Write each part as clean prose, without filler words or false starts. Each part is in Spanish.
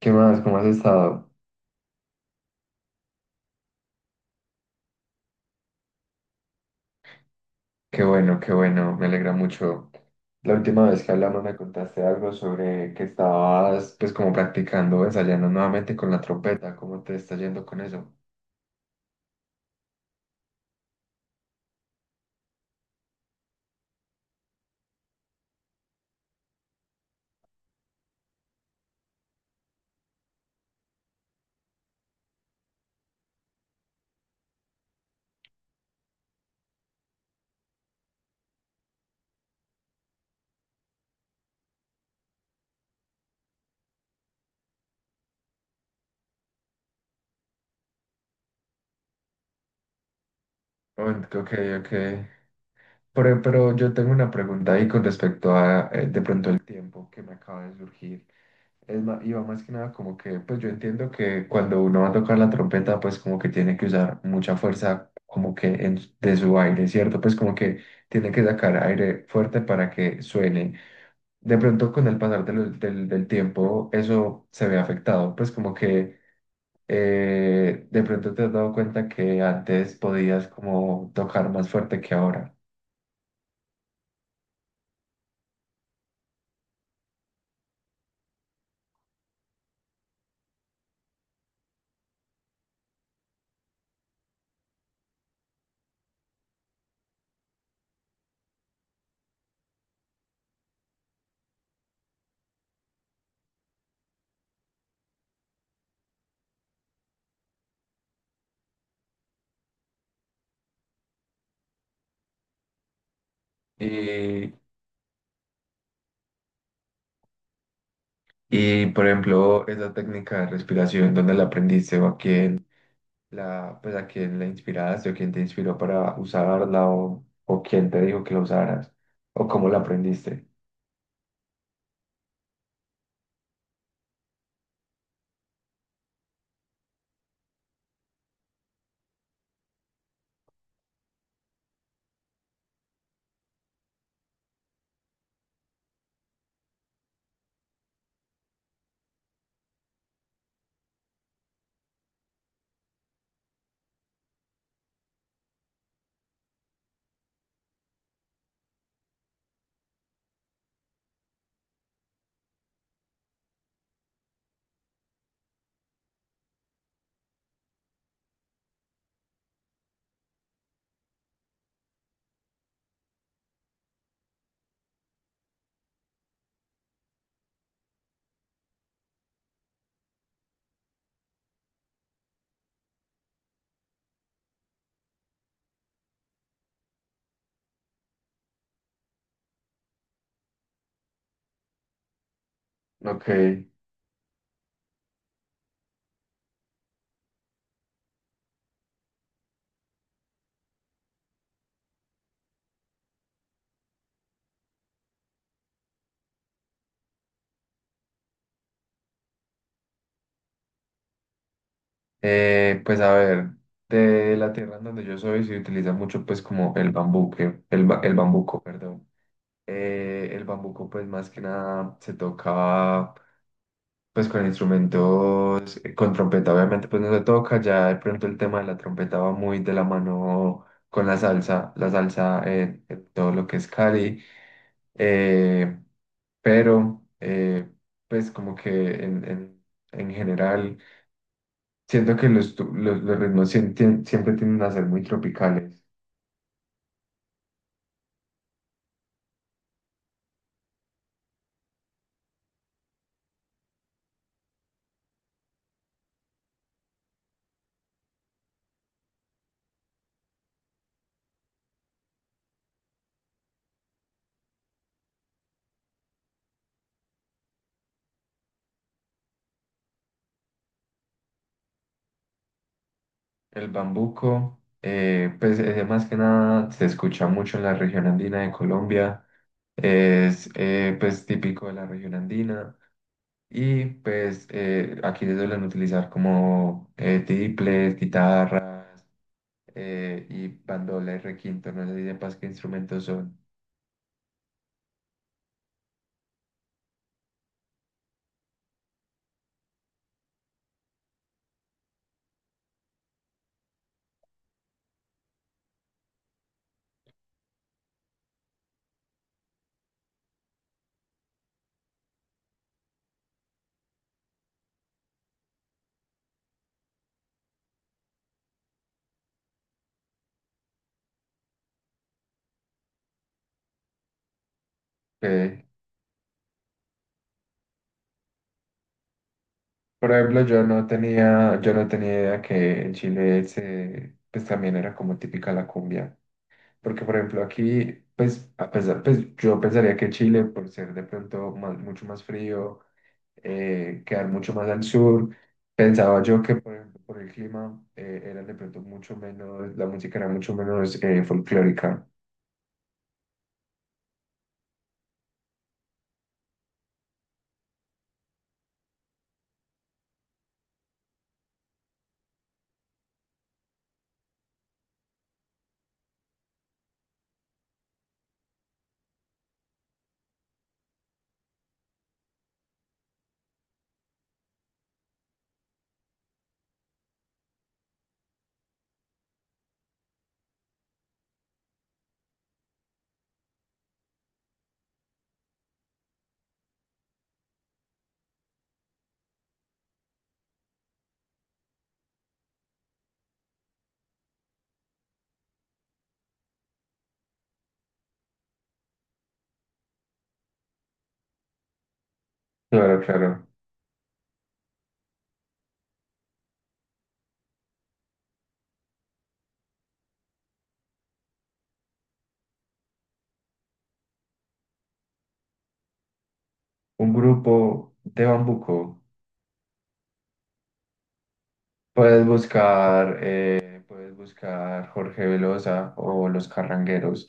¿Qué más? ¿Cómo has estado? Qué bueno, me alegra mucho. La última vez que hablamos me contaste algo sobre que estabas pues como practicando, ensayando nuevamente con la trompeta, ¿cómo te está yendo con eso? Oh, ok, ok. Pero yo tengo una pregunta ahí con respecto a de pronto el tiempo que me acaba de surgir. Es más, iba más que nada como que, pues yo entiendo que cuando uno va a tocar la trompeta, pues como que tiene que usar mucha fuerza como que en, de su aire, ¿cierto? Pues como que tiene que sacar aire fuerte para que suene. De pronto con el pasar de del tiempo eso se ve afectado, pues como que de pronto te has dado cuenta que antes podías como tocar más fuerte que ahora. Y, y por ejemplo, esa técnica de respiración, ¿dónde la aprendiste o a quién? La, pues a quién la inspiraste o quién te inspiró para usarla o quién te dijo que la usaras o cómo la aprendiste. Ok, pues a ver, de la tierra en donde yo soy se utiliza mucho pues como el bambú, el bambuco, perdón. El bambuco pues más que nada se toca pues con instrumentos, con trompeta, obviamente pues no se toca, ya de pronto el tema de la trompeta va muy de la mano con la salsa en todo lo que es Cali, eh, pero eh, pues como que en, en, en general siento que los ritmos siempre tienden a ser muy tropicales. El bambuco, pues ese más que nada se escucha mucho en la región andina de Colombia. Es pues típico de la región andina y pues aquí se suelen utilizar como tiples, guitarras y bandola y requinto, no sé si sepas qué instrumentos son. Eh, por ejemplo, yo no tenía idea que en Chile se, pues también era como típica la cumbia, porque por ejemplo aquí pues a pesar, pues yo pensaría que Chile por ser de pronto mucho más frío, quedar mucho más al sur. Pensaba yo que, por ejemplo, por el clima, era de pronto mucho menos, la música era mucho menos folclórica. Claro, claro. Un grupo de bambuco. Puedes buscar Jorge Velosa o Los Carrangueros,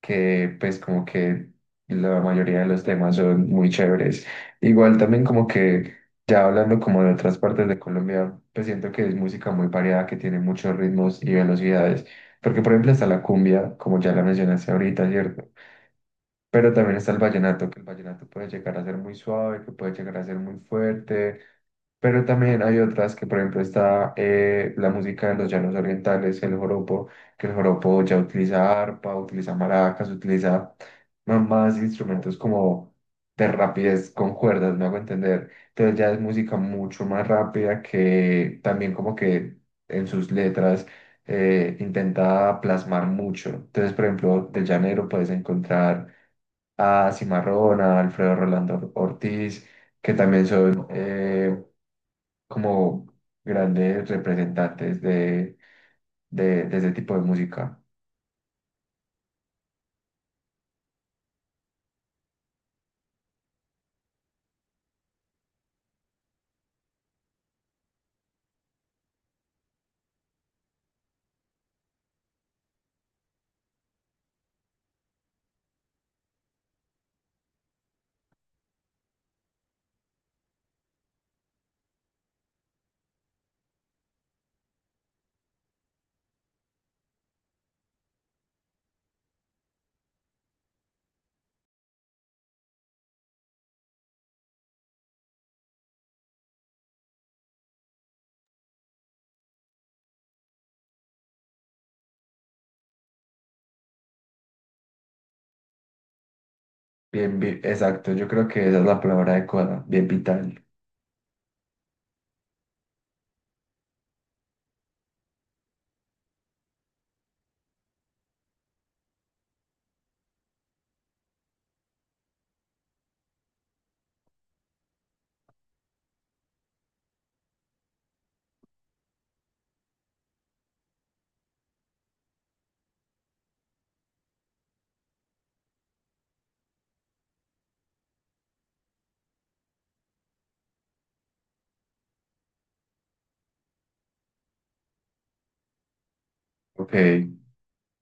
que pues como que la mayoría de los temas son muy chéveres. Igual también como que ya hablando como de otras partes de Colombia, pues siento que es música muy variada, que tiene muchos ritmos y velocidades. Porque por ejemplo está la cumbia, como ya la mencionaste ahorita, ¿cierto? Pero también está el vallenato, que el vallenato puede llegar a ser muy suave, que puede llegar a ser muy fuerte. Pero también hay otras que, por ejemplo, está la música de los llanos orientales, el joropo, que el joropo ya utiliza arpa, utiliza maracas, utiliza más instrumentos como de rapidez con cuerdas, me hago entender. Entonces ya es música mucho más rápida que también como que en sus letras intenta plasmar mucho. Entonces, por ejemplo, del Llanero puedes encontrar a Cimarrón, a Alfredo Rolando Ortiz, que también son como grandes representantes de, de ese tipo de música. Bien, exacto, yo creo que esa es la palabra adecuada, bien vital. Ok,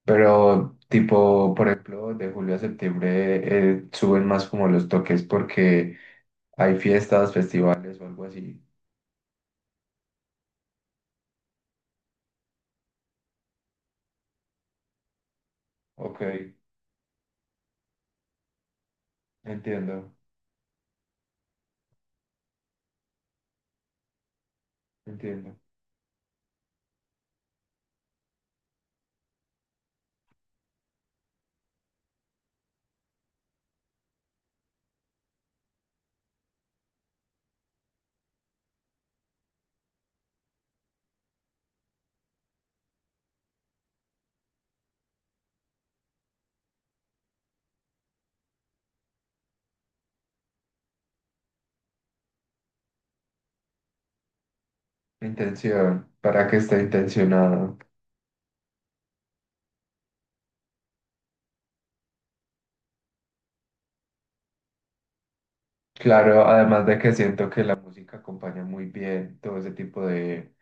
pero tipo, por ejemplo, de julio a septiembre suben más como los toques porque hay fiestas, festivales o algo así. Ok, entiendo, entiendo. Intención, para que esté intencionado. Claro, además de que siento que la música acompaña muy bien todo ese tipo de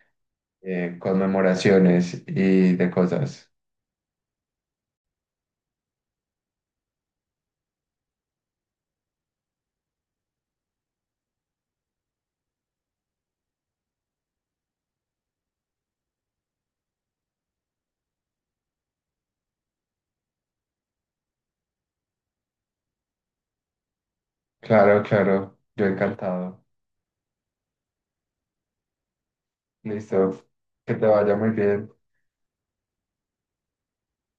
conmemoraciones y de cosas. Claro, claro, yo encantado. Listo, que te vaya muy bien.